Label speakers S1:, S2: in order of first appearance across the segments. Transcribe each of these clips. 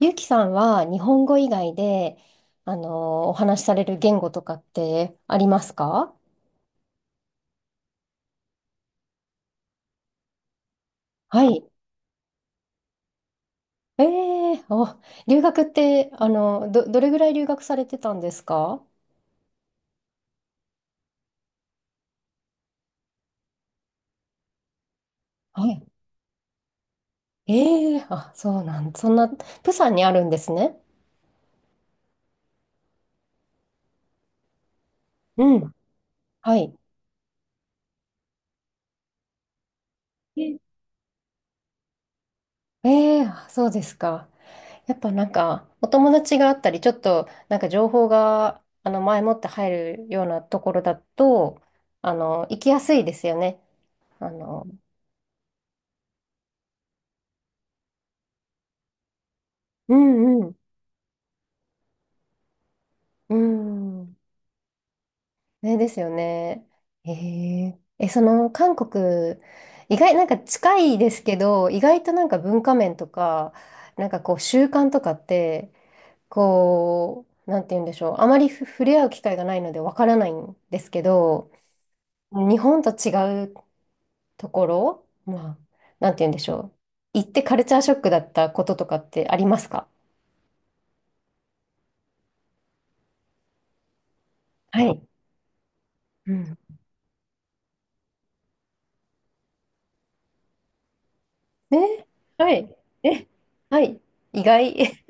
S1: ゆうきさんは日本語以外で、お話しされる言語とかってありますか？はい。ええーお、留学って、どれぐらい留学されてたんですか？はい。ええーあ、そうなん、そんな、プサンにあるんですね。うん。はい。ええーあ、そうですか。やっぱなんか、お友達があったり、ちょっと、なんか情報が、前もって入るようなところだと、行きやすいですよね。あの、うんうん。うん。ねですよね。その韓国、意外、なんか近いですけど、意外となんか文化面とか、なんかこう習慣とかって、こう、なんて言うんでしょう。あまり触れ合う機会がないのでわからないんですけど、日本と違うところ、まあ、なんて言うんでしょう。行ってカルチャーショックだったこととかってありますか？はい。うん。ね、はい。え、はい。意外。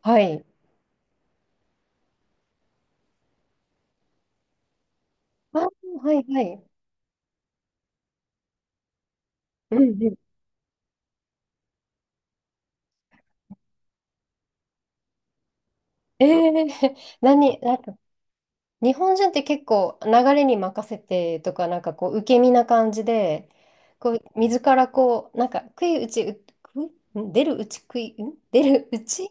S1: はい。あ、はいはい。うんうん。ええ なんか、日本人って結構流れに任せてとか、なんかこう、受け身な感じで、こう、自らこう、なんか、悔い打ち、う、くん出るうち食ん出るうち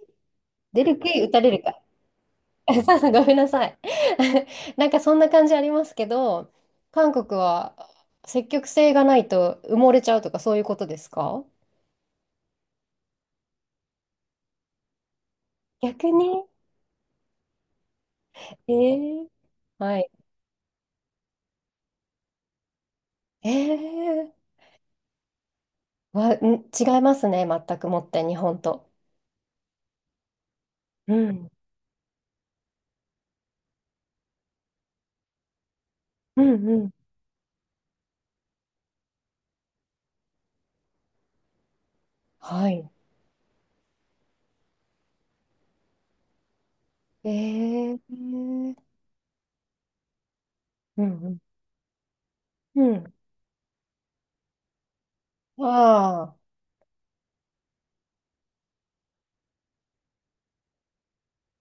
S1: 出る悔い打たれるか。そうそう、ごめんなさい。なんかそんな感じありますけど、韓国は積極性がないと埋もれちゃうとかそういうことですか？逆に、ええ、はい。ええ、わ、ん、違いますね。全くもって、日本と。うん。うんうん。はい。えー、うんうん。うん。ああ。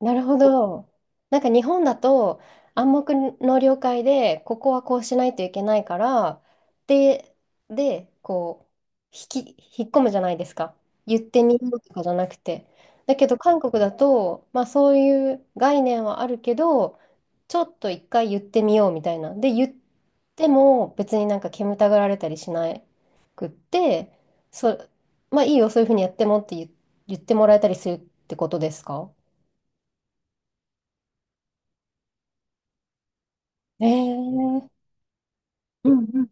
S1: なるほど。なんか日本だと暗黙の了解でここはこうしないといけないから、で、でこう引っ込むじゃないですか。言ってみようとかじゃなくて。だけど韓国だと、まあ、そういう概念はあるけど、ちょっと一回言ってみようみたいな。で、言っても別になんか煙たがられたりしなくって、そ、まあいいよそういうふうにやってもって言ってもらえたりするってことですか？ええ、うんうん。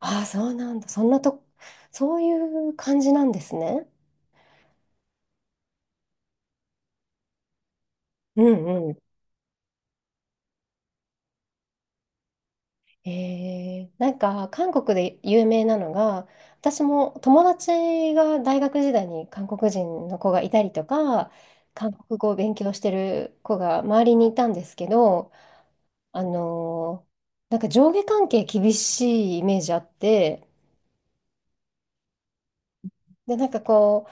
S1: ああ、そうなんだ。そんなと、そういう感じなんですね。うんうん。えー、なんか、韓国で有名なのが、私も友達が大学時代に韓国人の子がいたりとか、韓国語を勉強してる子が周りにいたんですけど、あのーなんか上下関係厳しいイメージあって、で、なんかこう、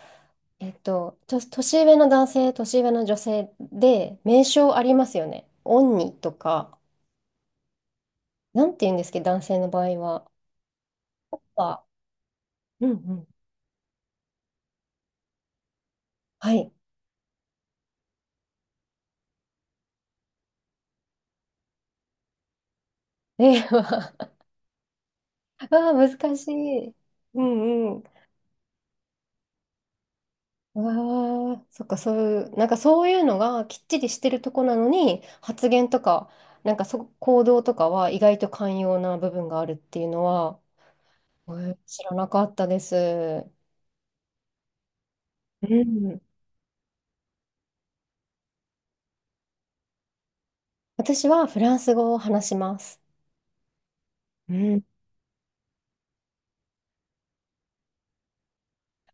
S1: 年上の男性、年上の女性で、名称ありますよね。オンニとか、なんて言うんですけど、男性の場合は。あ、うんうん。はい。えー、わあ、難しい。うんうん。わあ、そっか、そういう、なんかそういうのがきっちりしてるとこなのに、発言とか、なんかそ、行動とかは意外と寛容な部分があるっていうのは、えー、知らなかったです。うん。私はフランス語を話します。うん、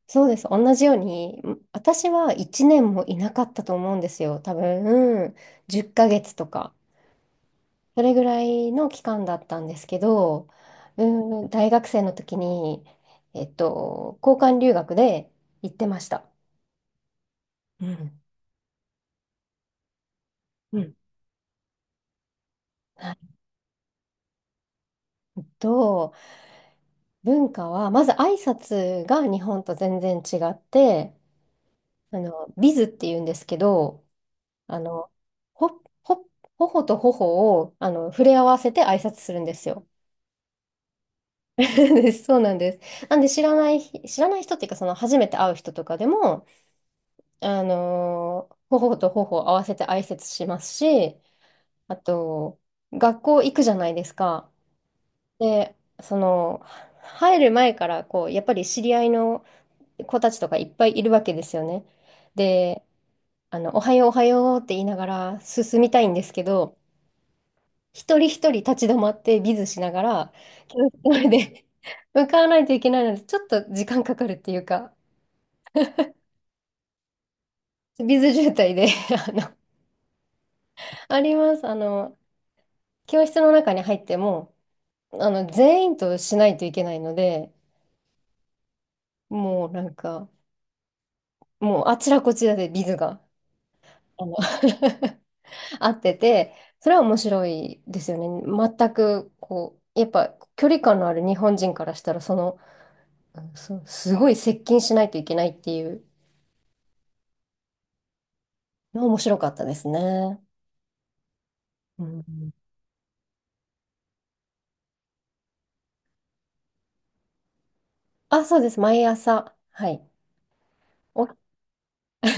S1: そうです。同じように、私は1年もいなかったと思うんですよ。多分、うん、10ヶ月とか、それぐらいの期間だったんですけど、うん、大学生の時に、えっと、交換留学で行ってました。うん。うん。はい。えっと、文化は、まず挨拶が日本と全然違って、ビズっていうんですけど、あの、ほ、ほ、頬と頬を、触れ合わせて挨拶するんですよ。そうです、そうなんです。なんで知らない人っていうか、その初めて会う人とかでも、頬と頬を合わせて挨拶しますし、あと、学校行くじゃないですか。で、その、入る前から、こう、やっぱり知り合いの子たちとかいっぱいいるわけですよね。で、おはようって言いながら進みたいんですけど、一人一人立ち止まってビズしながら、教室まで 向かわないといけないので、ちょっと時間かかるっていうか。ビズ渋滞で あの、あります。教室の中に入っても、全員としないといけないので、もうなんか、もうあちらこちらでビズが、あの 合ってて、それは面白いですよね。全く、こう、やっぱ距離感のある日本人からしたら、その、うん、そう、すごい接近しないといけないっていうのは面白かったですね。うん、あ、そうです。毎朝。はい。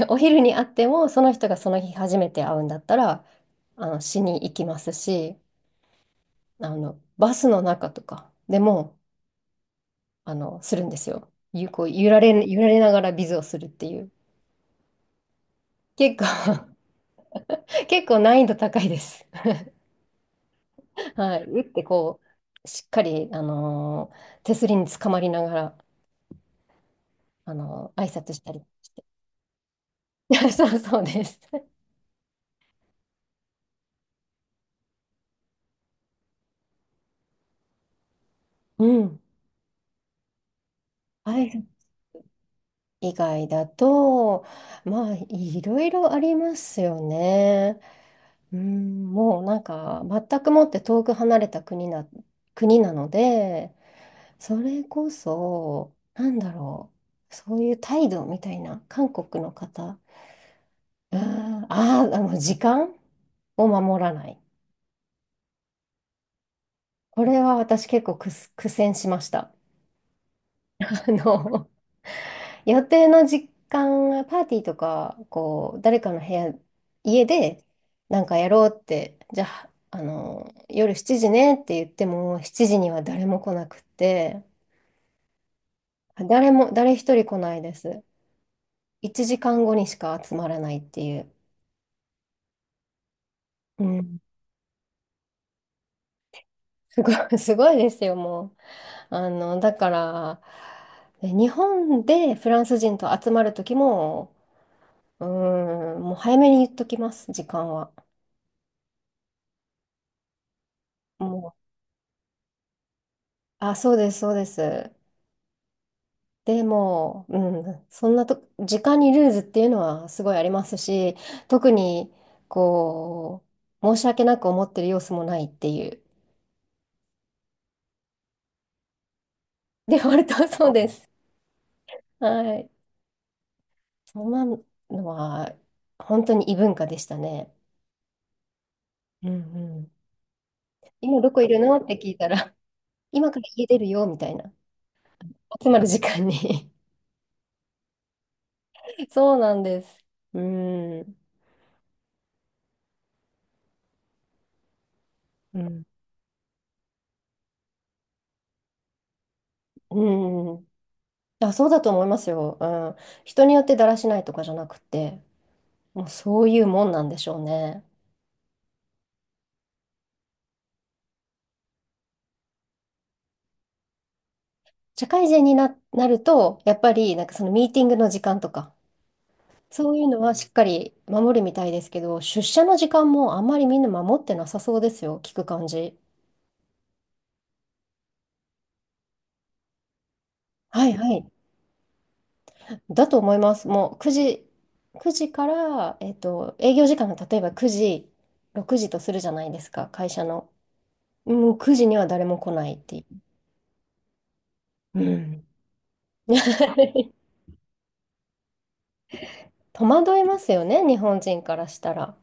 S1: お昼に会っても、その人がその日初めて会うんだったら、しに行きますし、バスの中とかでも、するんですよ。ゆ、こう、揺られ、揺られながらビズをするっていう。結構 結構難易度高いです。はい。打ってこう、しっかり、あのー手すりにつかまりながら、あのー挨拶したり。そう、そうです。うん。挨拶以外だと、まあ、いろいろありますよね。うーん、もうなんか全くもって遠く離れた国なので、それこそ、なんだろう、そういう態度みたいな、韓国の方、うーん、あー、時間を守らない。これは私結構苦戦しました。あの、予定の時間はパーティーとか、こう、誰かの部屋、家で、なんかやろうって、じゃあ、あの、夜7時ねって言っても、7時には誰も来なくて、誰も、誰一人来ないです。1時間後にしか集まらないっていう。うん。すごい、すごいですよ、もう。あの、だから、ね日本でフランス人と集まるときも、うーん、もう早めに言っときます、時間は。もう、あ、そうです、そうです。でも、うん、そんなと、時間にルーズっていうのはすごいありますし、特に、こう、申し訳なく思ってる様子もないっていう、デフォルトはそうです。はい。そんなのは、本当に異文化でしたね。うんうん。今どこいるのって聞いたら、今から家出るよ、みたいな。集まる時間に そうなんです。うん。うん。うん。あ、そうだと思いますよ。うん。人によってだらしないとかじゃなくて。もうそういうもんなんでしょうね。社会人になると、やっぱりなんかそのミーティングの時間とか、そういうのはしっかり守るみたいですけど、出社の時間もあんまりみんな守ってなさそうですよ、聞く感じ。はいはい。だと思います。もう9時、9時から、えっと、営業時間が例えば9時、6時とするじゃないですか、会社の。もう9時には誰も来ないっていう。うん。戸惑いますよね、日本人からしたら。